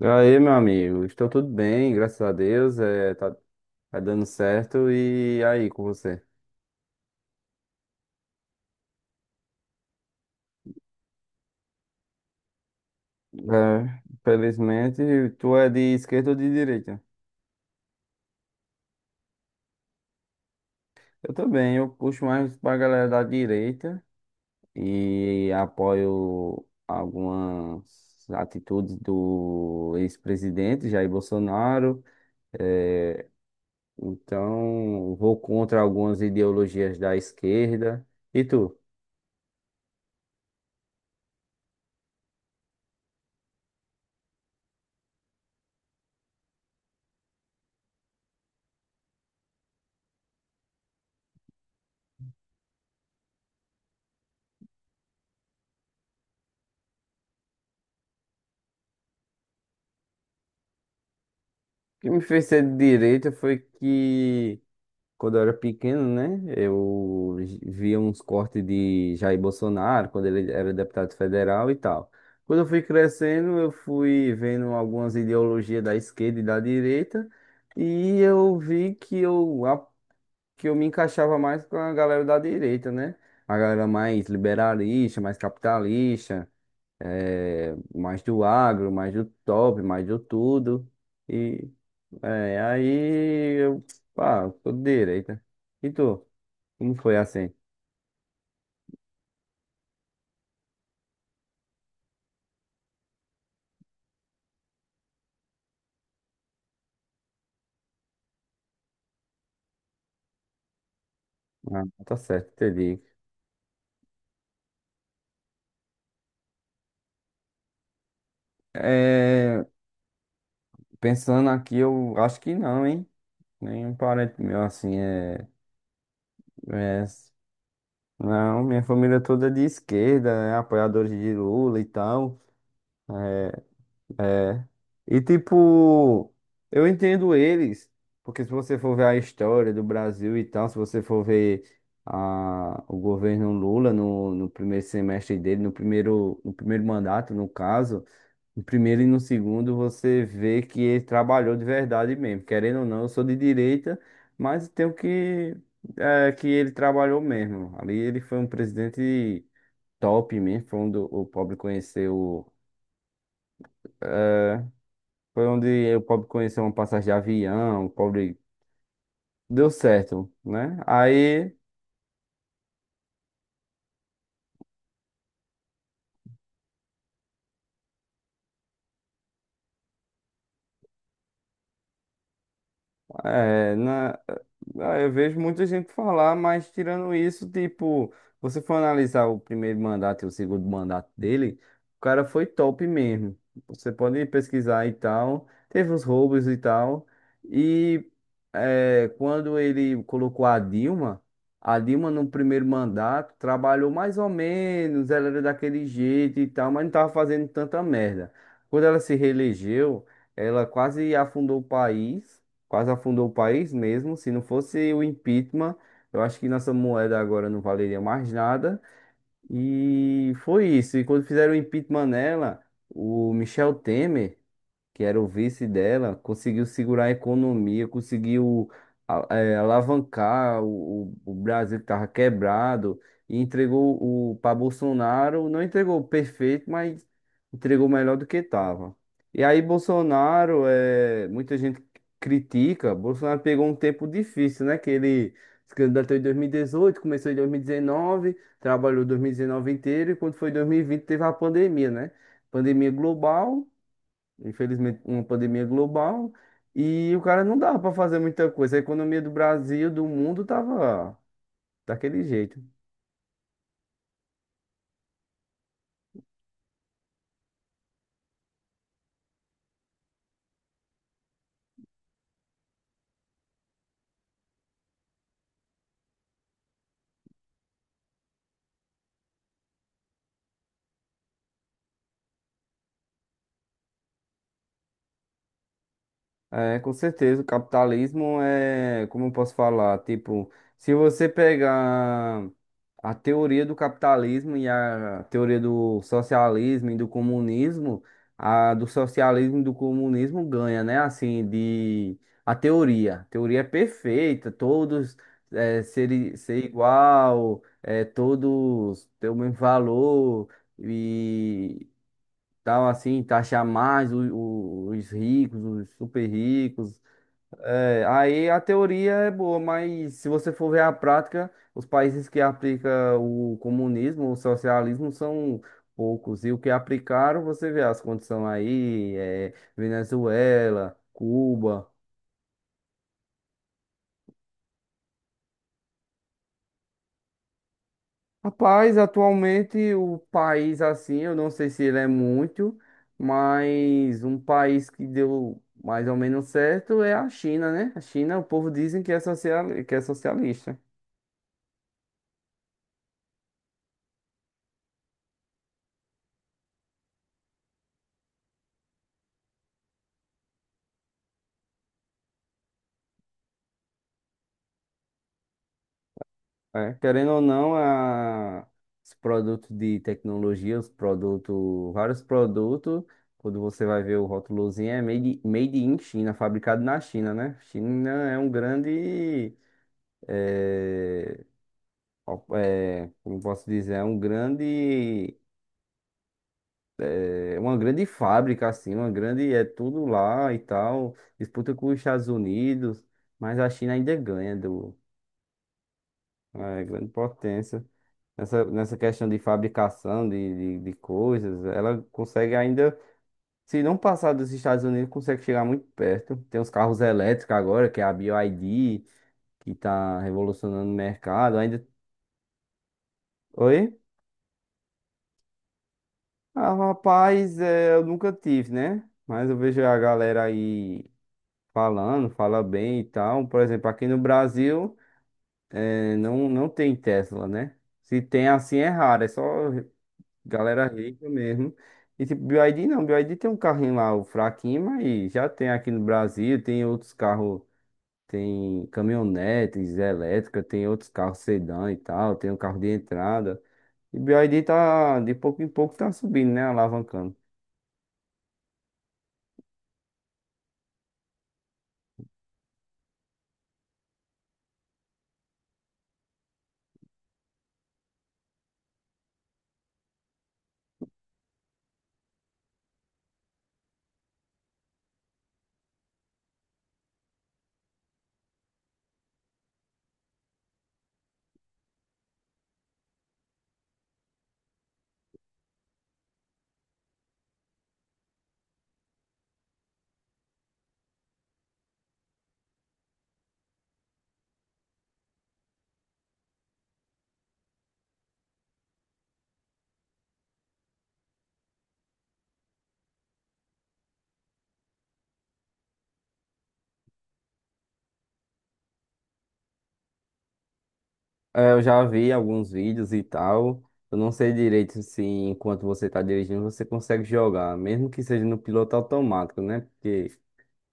E aí, meu amigo, estou tudo bem, graças a Deus, tá dando certo. E aí, com você? É, felizmente, tu é de esquerda ou de direita? Eu também, eu puxo mais pra galera da direita e apoio algumas atitudes do ex-presidente Jair Bolsonaro. É, então, vou contra algumas ideologias da esquerda. E tu? O que me fez ser de direita foi que quando eu era pequeno, né? Eu via uns cortes de Jair Bolsonaro, quando ele era deputado federal e tal. Quando eu fui crescendo, eu fui vendo algumas ideologias da esquerda e da direita, e eu vi que eu me encaixava mais com a galera da direita, né? A galera mais liberalista, mais capitalista, mais do agro, mais do top, mais do tudo. É, aí eu, pá, tô de direita. E tu? Como foi assim? Ah, tá certo, entendi. É, pensando aqui, eu acho que não, hein? Nenhum parente meu assim é. Não, minha família toda é de esquerda, é apoiadores de Lula e tal. É. E tipo, eu entendo eles, porque se você for ver a história do Brasil e tal, se você for ver o governo Lula no primeiro semestre dele, no primeiro mandato, no caso, no primeiro e no segundo, você vê que ele trabalhou de verdade mesmo. Querendo ou não, eu sou de direita, mas tenho que, é, que ele trabalhou mesmo. Ali ele foi um presidente top mesmo, foi onde o pobre conheceu. Foi onde o pobre conheceu uma passagem de avião, o pobre deu certo, né? Aí. É, na, ah, eu vejo muita gente falar, mas tirando isso, tipo, você for analisar o primeiro mandato e o segundo mandato dele, o cara foi top mesmo. Você pode pesquisar e tal, teve os roubos e tal. E é, quando ele colocou a Dilma no primeiro mandato trabalhou mais ou menos, ela era daquele jeito e tal, mas não tava fazendo tanta merda. Quando ela se reelegeu, ela quase afundou o país quase afundou o país mesmo. Se não fosse o impeachment, eu acho que nossa moeda agora não valeria mais nada. E foi isso. E quando fizeram o impeachment nela, o Michel Temer que era o vice dela, conseguiu segurar a economia, conseguiu alavancar o Brasil que estava quebrado e entregou o para Bolsonaro, não entregou perfeito, mas entregou melhor do que estava. E aí Bolsonaro, é, muita gente critica, Bolsonaro pegou um tempo difícil, né? Que ele se candidatou em 2018, começou em 2019, trabalhou 2019 inteiro e quando foi 2020 teve a pandemia, né? Pandemia global. Infelizmente, uma pandemia global. E o cara não dava pra fazer muita coisa. A economia do Brasil, do mundo, tava daquele jeito. É, com certeza, o capitalismo é, como eu posso falar, tipo, se você pegar a teoria do capitalismo e a teoria do socialismo e do comunismo, a do socialismo e do comunismo ganha, né? Assim, de a teoria. A teoria é perfeita, todos ser igual, é, todos ter o mesmo valor tal, assim, taxar mais os ricos, os super ricos. É, aí a teoria é boa, mas se você for ver a prática, os países que aplicam o comunismo, o socialismo são poucos. E o que aplicaram, você vê as condições aí, é, Venezuela, Cuba. Rapaz, atualmente o país assim, eu não sei se ele é muito, mas um país que deu mais ou menos certo é a China, né? A China, o povo dizem que é social, que é socialista. É. Querendo ou não, os produtos de tecnologia, os produtos, vários produtos, quando você vai ver o rótulozinho, é made in China, fabricado na China, né? China é um grande eh, como posso dizer, é um grande, é uma grande fábrica, assim, uma grande, é tudo lá e tal, disputa com os Estados Unidos, mas a China ainda ganha do, é, grande potência. Nessa questão de fabricação de coisas, ela consegue ainda, se não passar dos Estados Unidos, consegue chegar muito perto. Tem os carros elétricos agora, que é a BYD, que está revolucionando o mercado, ainda... Oi? Ah, rapaz, é, eu nunca tive, né? Mas eu vejo a galera aí falando, fala bem e tal. Por exemplo, aqui no Brasil, é, não tem Tesla, né? Se tem assim é raro, é só galera rica mesmo. E tipo, BYD não, BYD tem um carrinho lá, o fraquinho, mas já tem aqui no Brasil, tem outros carros, tem caminhonetes elétricas, tem outros carros sedã e tal, tem um carro de entrada. E BYD tá, de pouco em pouco tá subindo, né? Alavancando. É, eu já vi alguns vídeos e tal. Eu não sei direito se enquanto você está dirigindo você consegue jogar, mesmo que seja no piloto automático, né? Porque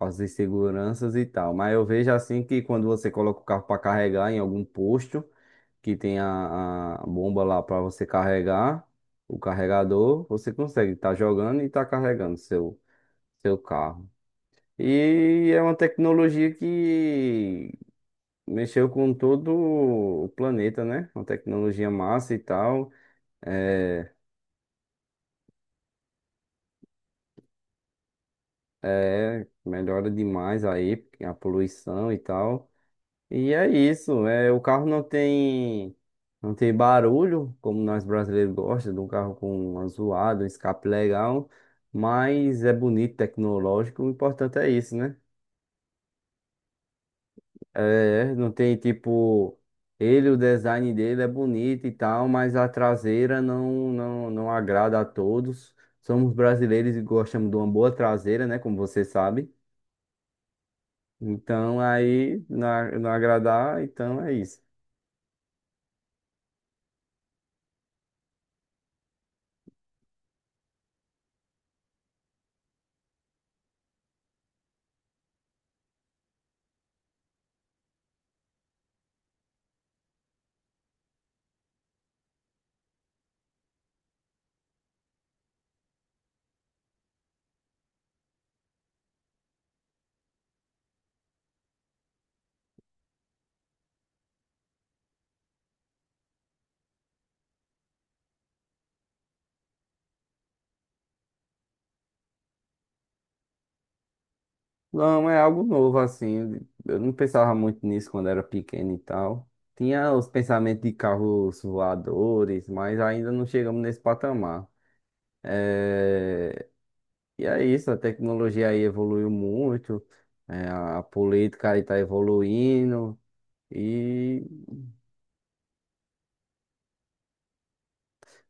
as inseguranças e tal. Mas eu vejo assim que quando você coloca o carro para carregar em algum posto que tem a bomba lá para você carregar, o carregador, você consegue estar jogando e estar carregando seu carro. E é uma tecnologia. Mexeu com todo o planeta, né? Uma tecnologia massa e tal. É, melhora demais aí a poluição e tal. E é isso. É, o carro não tem, não tem barulho, como nós brasileiros gostamos, de um carro com uma zoada, um escape legal. Mas é bonito, tecnológico. O importante é isso, né? É, não tem tipo. Ele, o design dele é bonito e tal, mas a traseira não agrada a todos. Somos brasileiros e gostamos de uma boa traseira, né? Como você sabe. Então aí não, não agradar, então é isso. Não, é algo novo assim. Eu não pensava muito nisso quando era pequeno e tal. Tinha os pensamentos de carros voadores, mas ainda não chegamos nesse patamar. É, E é isso, a tecnologia aí evoluiu muito, é, a política aí tá evoluindo, e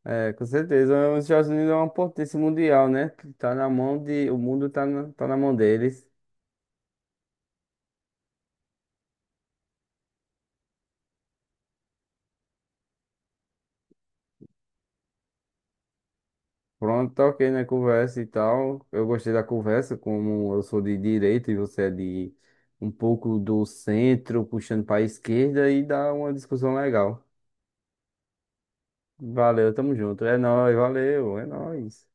é, com certeza os Estados Unidos é uma potência mundial, né? Que tá na mão de, o mundo tá na mão deles. Pronto, tá ok, né? Conversa e tal. Eu gostei da conversa, como eu sou de direita e você é de um pouco do centro, puxando pra esquerda, e dá uma discussão legal. Valeu, tamo junto. É nóis, valeu, é nóis.